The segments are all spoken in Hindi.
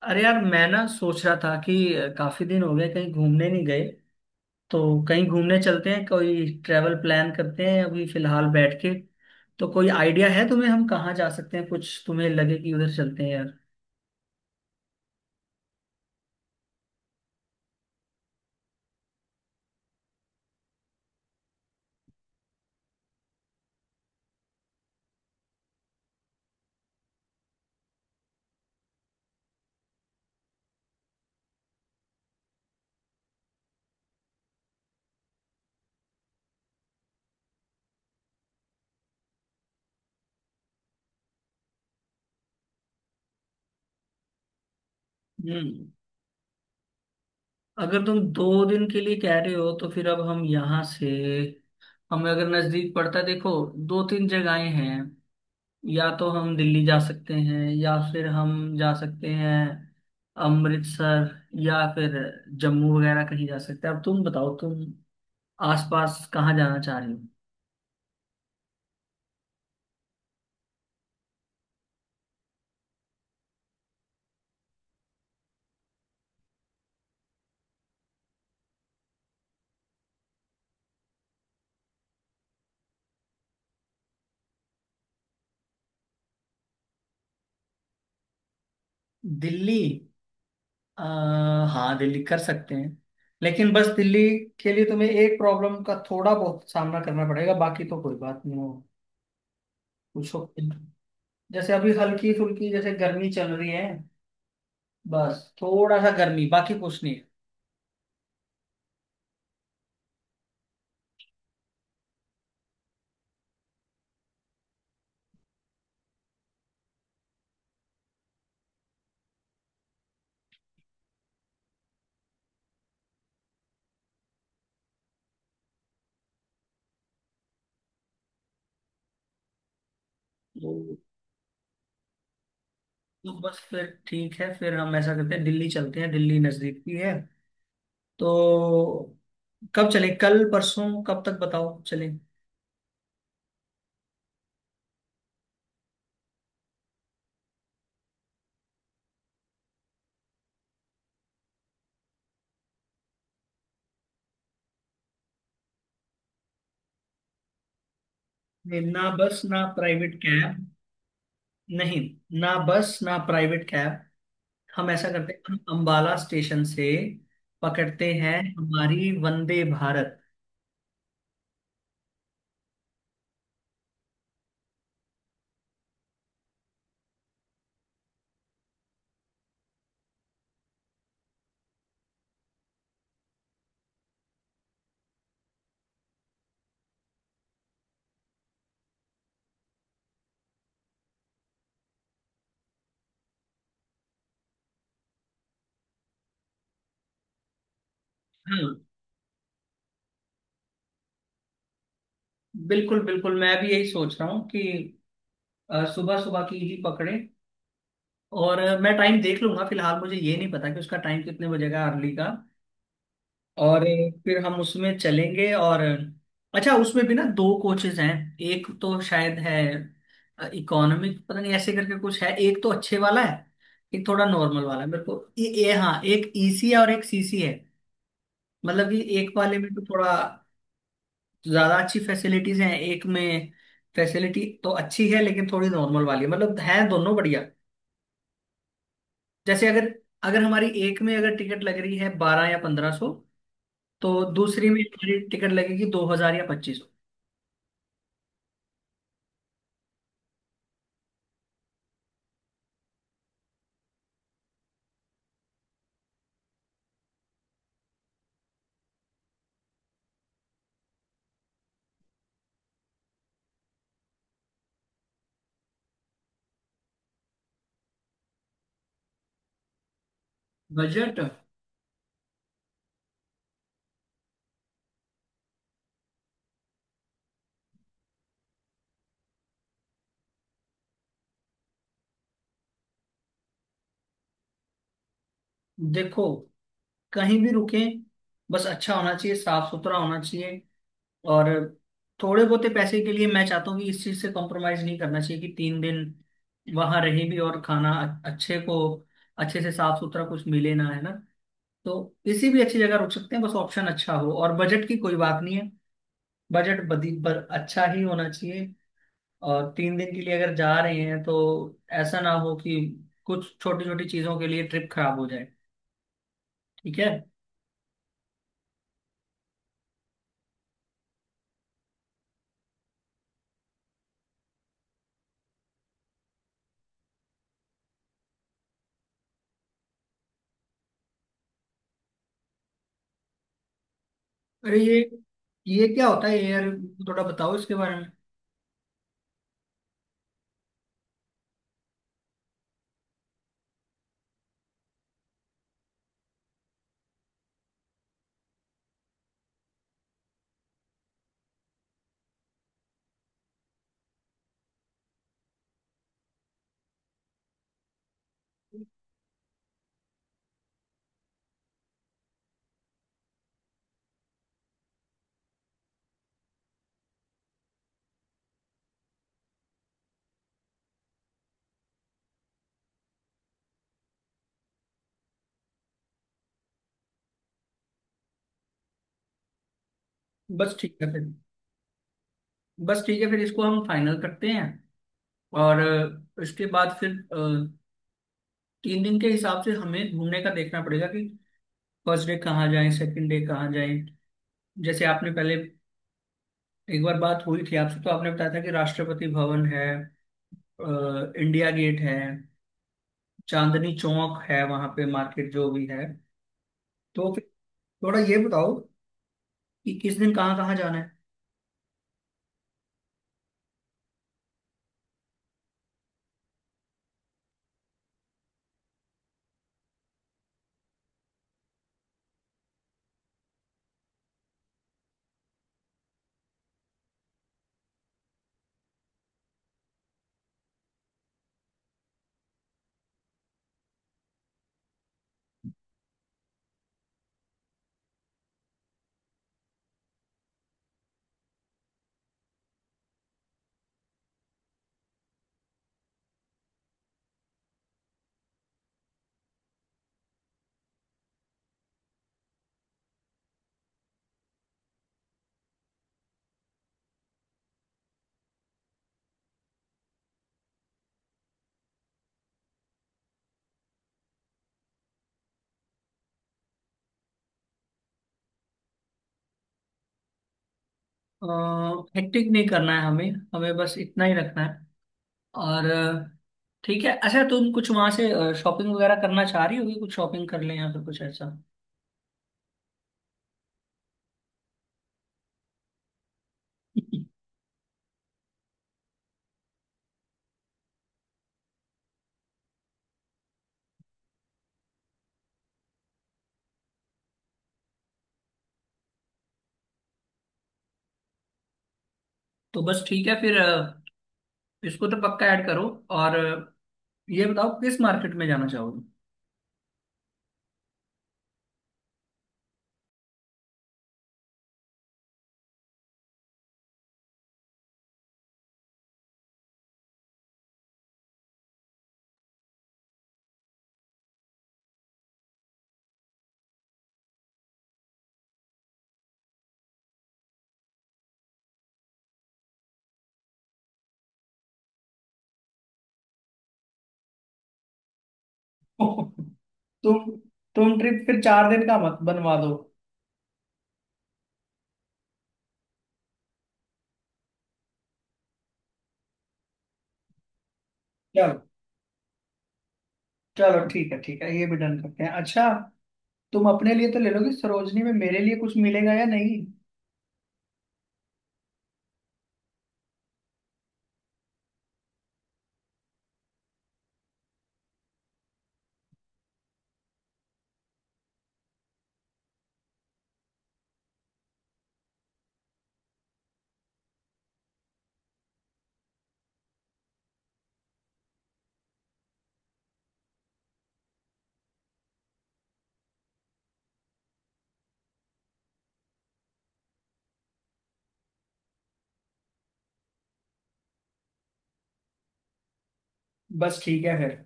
अरे यार, मैं ना सोच रहा था कि काफी दिन हो गए, कहीं घूमने नहीं गए। तो कहीं घूमने चलते हैं, कोई ट्रैवल प्लान करते हैं अभी फिलहाल बैठ के। तो कोई आइडिया है तुम्हें, हम कहाँ जा सकते हैं? कुछ तुम्हें लगे कि उधर चलते हैं यार। हम्म। अगर तुम 2 दिन के लिए कह रहे हो तो फिर अब हम यहाँ से, हमें अगर नजदीक पड़ता है, देखो दो तीन जगहें हैं। या तो हम दिल्ली जा सकते हैं या फिर हम जा सकते हैं अमृतसर, या फिर जम्मू वगैरह कहीं जा सकते हैं। अब तुम बताओ, तुम आसपास कहाँ जाना चाह रही हो? दिल्ली। आ, हाँ दिल्ली कर सकते हैं। लेकिन बस दिल्ली के लिए तुम्हें एक प्रॉब्लम का थोड़ा बहुत सामना करना पड़ेगा, बाकी तो कोई बात नहीं, हो पूछो। जैसे अभी हल्की फुल्की जैसे गर्मी चल रही है। बस थोड़ा सा गर्मी, बाकी कुछ नहीं। है। तो बस फिर ठीक है, फिर हम ऐसा करते हैं दिल्ली चलते हैं। दिल्ली नजदीक भी है। तो कब चलें, कल परसों कब तक, बताओ चलें। नहीं, ना बस ना प्राइवेट कैब। नहीं, ना बस ना प्राइवेट कैब। हम ऐसा करते हैं, हम अंबाला स्टेशन से पकड़ते हैं हमारी वंदे भारत। हाँ। बिल्कुल बिल्कुल, मैं भी यही सोच रहा हूँ कि सुबह सुबह की ही पकड़े। और मैं टाइम देख लूंगा, फिलहाल मुझे ये नहीं पता कि उसका टाइम कितने बजेगा अर्ली का। और फिर हम उसमें चलेंगे। और अच्छा, उसमें भी ना दो कोचेज हैं। एक तो शायद है इकोनॉमिक, पता नहीं ऐसे करके कुछ है। एक तो अच्छे वाला है, एक थोड़ा नॉर्मल वाला है। मेरे को ये हाँ, एक EC है और एक CC है। मतलब कि एक वाले में तो थोड़ा ज्यादा अच्छी फैसिलिटीज हैं। एक में फैसिलिटी तो अच्छी है लेकिन थोड़ी नॉर्मल वाली है। मतलब है दोनों बढ़िया। जैसे अगर, हमारी एक में अगर टिकट लग रही है 1200 या 1500, तो दूसरी में हमारी टिकट लगेगी 2000 या 25। बजट। देखो, कहीं भी रुके बस अच्छा होना चाहिए, साफ सुथरा होना चाहिए। और थोड़े बहुत पैसे के लिए मैं चाहता हूँ कि इस चीज से कॉम्प्रोमाइज नहीं करना चाहिए, कि 3 दिन वहां रहें भी और खाना अच्छे को, अच्छे से साफ सुथरा कुछ मिले ना, है ना? तो किसी भी अच्छी जगह रुक सकते हैं, बस ऑप्शन अच्छा हो, और बजट की कोई बात नहीं है। बजट बदी पर अच्छा ही होना चाहिए। और 3 दिन के लिए अगर जा रहे हैं तो ऐसा ना हो कि कुछ छोटी छोटी चीजों के लिए ट्रिप खराब हो जाए। ठीक है। अरे ये क्या होता है यार? थोड़ा बताओ इसके बारे में। बस ठीक है फिर। बस ठीक है, फिर इसको हम फाइनल करते हैं। और इसके बाद फिर तीन दिन के हिसाब से हमें घूमने का देखना पड़ेगा कि फर्स्ट डे कहाँ जाएं, सेकंड डे कहाँ जाएं। जैसे आपने पहले एक बार बात हुई थी आपसे, तो आपने बताया था कि राष्ट्रपति भवन है, इंडिया गेट है, चांदनी चौक है, वहां पे मार्केट जो भी है। तो फिर थोड़ा ये बताओ कि किस दिन कहाँ कहाँ जाना है। हेक्टिक नहीं करना है हमें, हमें बस इतना ही रखना है। और ठीक है। अच्छा, तुम कुछ वहां से शॉपिंग वगैरह करना चाह रही होगी, कुछ शॉपिंग कर लें या फिर कुछ ऐसा। तो बस ठीक है फिर इसको तो पक्का ऐड करो। और ये बताओ किस मार्केट में जाना चाहोगे? तुम तुम ट्रिप फिर 4 दिन का मत बनवा दो। चलो। चलो ठीक है, ठीक है, ये भी डन करते हैं। अच्छा, तुम अपने लिए तो ले लोगे सरोजनी में, मेरे लिए कुछ मिलेगा या नहीं? बस ठीक है फिर,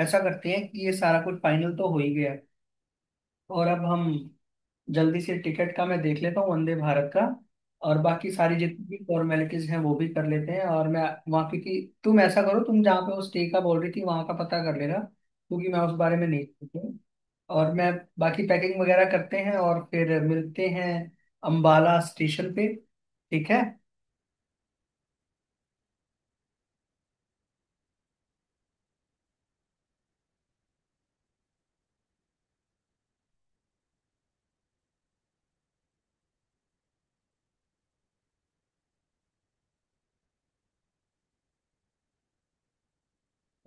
ऐसा करते हैं कि ये सारा कुछ फाइनल तो हो ही गया है। और अब हम जल्दी से टिकट का मैं देख लेता हूँ वंदे भारत का, और बाकी सारी जितनी भी फॉर्मेलिटीज हैं वो भी कर लेते हैं। और मैं वहाँ, क्योंकि तुम ऐसा करो, तुम जहाँ पे वो स्टे का बोल रही थी वहाँ का पता कर लेना, क्योंकि मैं उस बारे में नहीं जानती हूँ। और मैं बाकी पैकिंग वगैरह करते हैं और फिर मिलते हैं अम्बाला स्टेशन पे। ठीक है।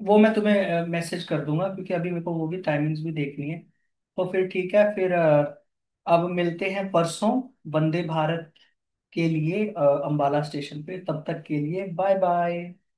वो मैं तुम्हें मैसेज कर दूंगा, क्योंकि अभी मेरे को वो भी टाइमिंग्स भी देखनी है। तो फिर ठीक है, फिर अब मिलते हैं परसों वंदे भारत के लिए अंबाला स्टेशन पे। तब तक के लिए बाय बाय।